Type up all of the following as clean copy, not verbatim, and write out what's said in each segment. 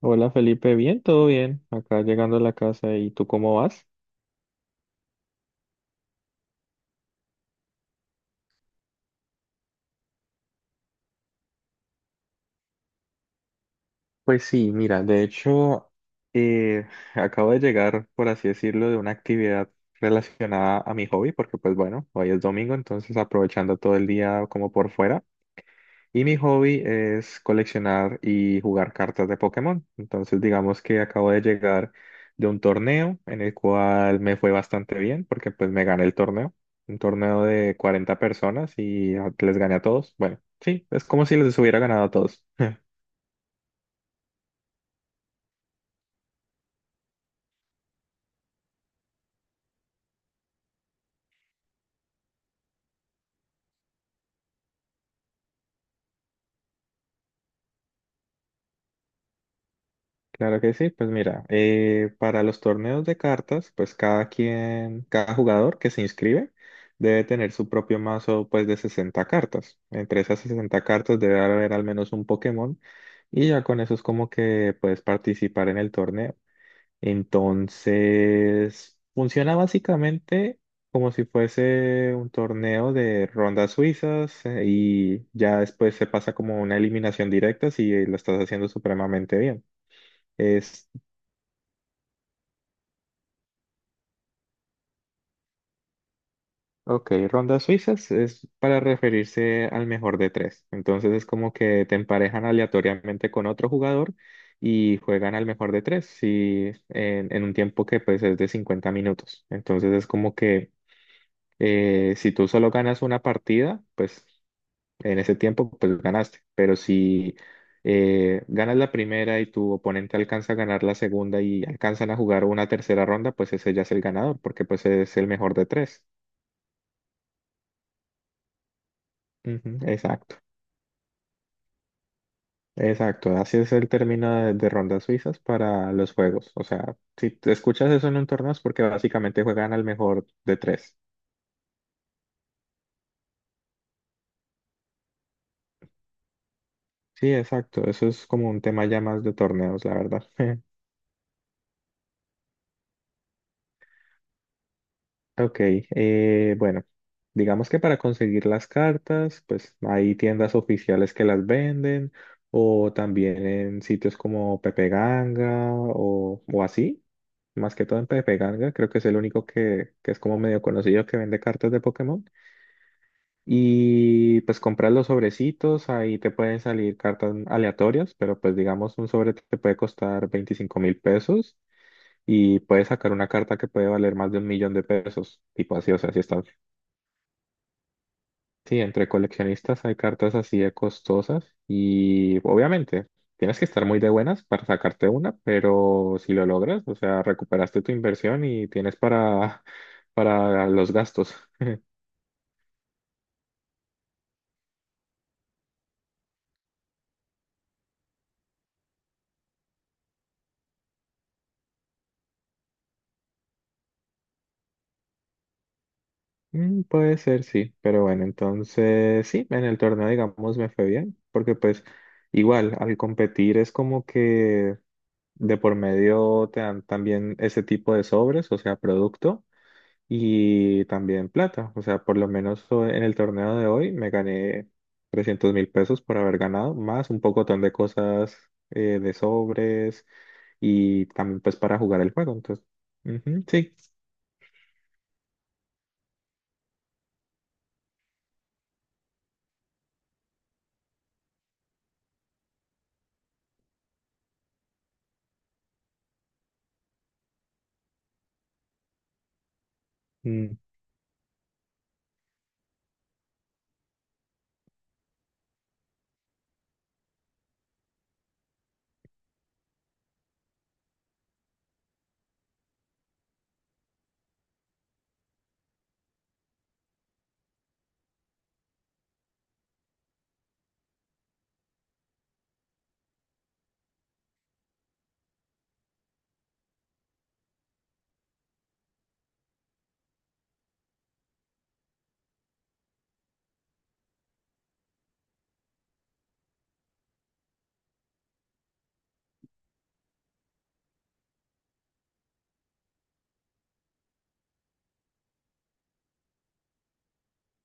Hola Felipe, bien, todo bien, acá llegando a la casa, ¿y tú cómo vas? Pues sí, mira, de hecho, eh, acabo de llegar, por así decirlo, de una actividad relacionada a mi hobby, porque pues bueno, hoy es domingo, entonces aprovechando todo el día como por fuera. Y mi hobby es coleccionar y jugar cartas de Pokémon. Entonces, digamos que acabo de llegar de un torneo en el cual me fue bastante bien porque pues me gané el torneo. Un torneo de 40 personas y les gané a todos. Bueno, sí, es como si les hubiera ganado a todos. Claro que sí, pues mira, para los torneos de cartas, pues cada quien, cada jugador que se inscribe debe tener su propio mazo pues de 60 cartas. Entre esas 60 cartas debe haber al menos un Pokémon y ya con eso es como que puedes participar en el torneo. Entonces, funciona básicamente como si fuese un torneo de rondas suizas y ya después se pasa como una eliminación directa si lo estás haciendo supremamente bien. Ok, rondas suizas es para referirse al mejor de tres. Entonces es como que te emparejan aleatoriamente con otro jugador y juegan al mejor de tres si, en un tiempo que pues es de 50 minutos. Entonces es como que si tú solo ganas una partida, pues en ese tiempo pues ganaste. Pero si ganas la primera y tu oponente alcanza a ganar la segunda y alcanzan a jugar una tercera ronda, pues ese ya es el ganador porque pues es el mejor de tres. Ujú, exacto. Exacto, así es el término de rondas suizas para los juegos. O sea, si te escuchas eso en un torneo es porque básicamente juegan al mejor de tres. Sí, exacto, eso es como un tema ya más de torneos, la verdad. Ok, bueno, digamos que para conseguir las cartas, pues hay tiendas oficiales que las venden o también en sitios como Pepe Ganga o así. Más que todo en Pepe Ganga, creo que es el único que es como medio conocido que vende cartas de Pokémon. Y pues compras los sobrecitos, ahí te pueden salir cartas aleatorias, pero pues digamos un sobre te puede costar 25.000 pesos y puedes sacar una carta que puede valer más de un millón de pesos, tipo así, o sea, así está. Sí, entre coleccionistas hay cartas así de costosas y obviamente tienes que estar muy de buenas para sacarte una, pero si lo logras, o sea, recuperaste tu inversión y tienes para, para los gastos. Mm, puede ser, sí, pero bueno, entonces sí, en el torneo, digamos, me fue bien, porque pues igual al competir es como que de por medio te dan también ese tipo de sobres, o sea, producto y también plata, o sea, por lo menos en el torneo de hoy me gané 300.000 pesos por haber ganado, más un pocotón de cosas de sobres y también pues para jugar el juego, entonces, ujú, sí.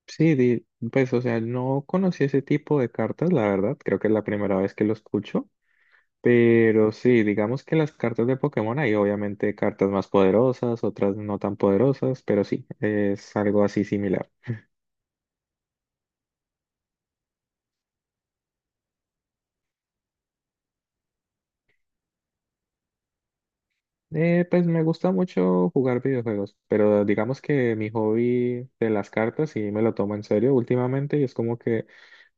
Sí, pues, o sea, no conocí ese tipo de cartas, la verdad, creo que es la primera vez que lo escucho, pero sí, digamos que las cartas de Pokémon hay obviamente cartas más poderosas, otras no tan poderosas, pero sí, es algo así similar. Pues me gusta mucho jugar videojuegos, pero digamos que mi hobby de las cartas sí me lo tomo en serio últimamente y es como que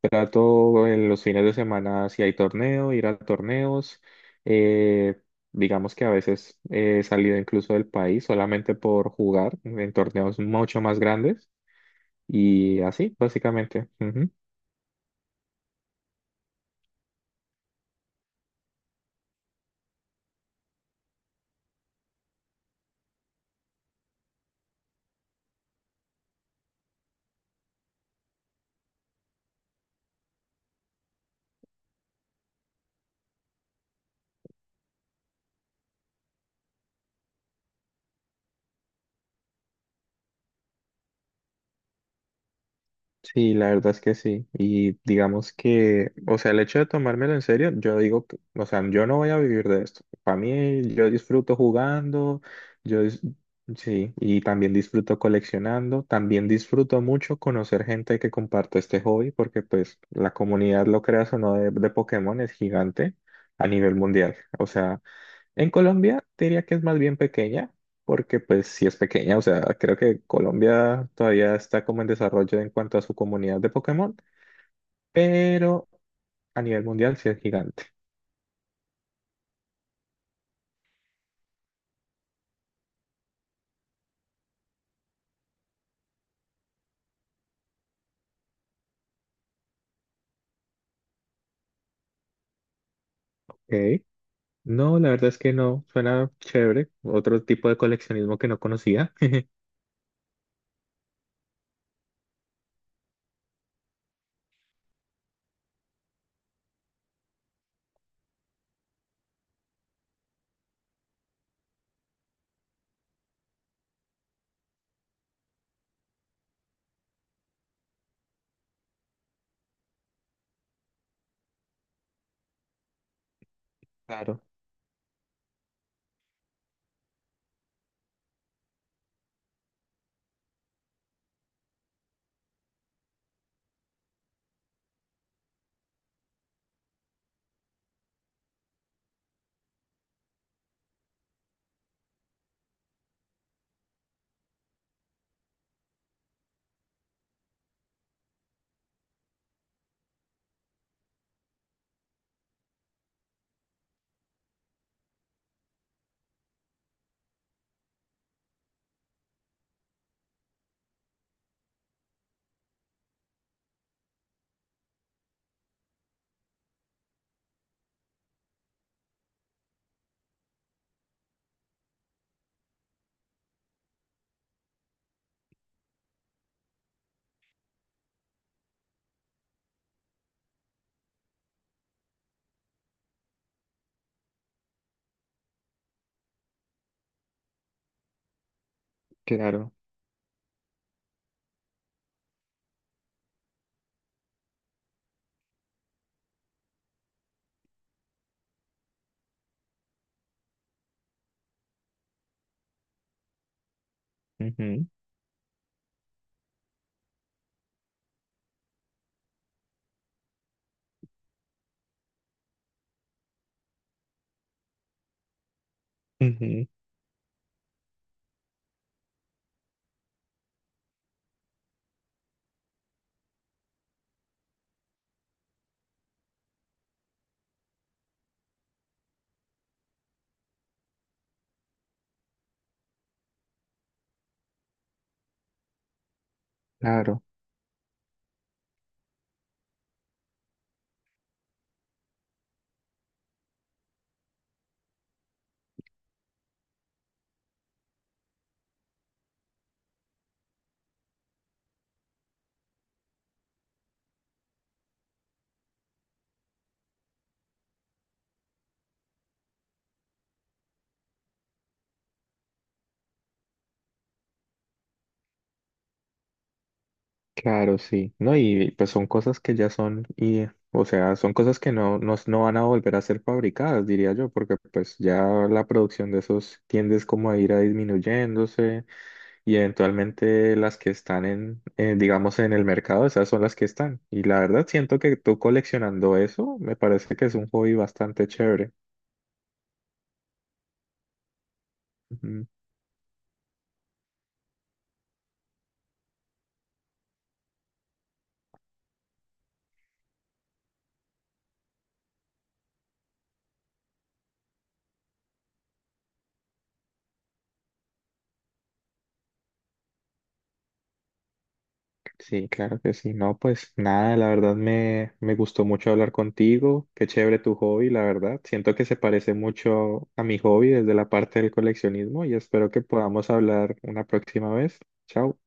trato en los fines de semana si hay torneo, ir a torneos. eh, digamos que a veces he salido incluso del país solamente por jugar en torneos mucho más grandes y así, básicamente. Ujú. Sí, la verdad es que sí. Y digamos que, o sea, el hecho de tomármelo en serio, yo digo que, o sea, yo no voy a vivir de esto. Para mí, yo disfruto jugando, yo, dis- sí, y también disfruto coleccionando, también disfruto mucho conocer gente que comparte este hobby, porque pues la comunidad, lo creas o no, de Pokémon es gigante a nivel mundial. O sea, en Colombia te diría que es más bien pequeña, porque pues sí es pequeña, o sea, creo que Colombia todavía está como en desarrollo en cuanto a su comunidad de Pokémon, pero a nivel mundial sí es gigante. Ok. No, la verdad es que no, suena chévere, otro tipo de coleccionismo que no conocía. Claro, claro. Ujú, ujú, claro. Claro, sí. No, y pues son cosas que ya son, y, o sea, son cosas que no, no, no van a volver a ser fabricadas, diría yo, porque pues ya la producción de esos tiendes como a ir a disminuyéndose y eventualmente las que están en, digamos, en el mercado, esas son las que están. Y la verdad siento que tú coleccionando eso, me parece que es un hobby bastante chévere. Sí, claro que sí. No, pues nada, la verdad me gustó mucho hablar contigo. Qué chévere tu hobby, la verdad. Siento que se parece mucho a mi hobby desde la parte del coleccionismo y espero que podamos hablar una próxima vez. Chao.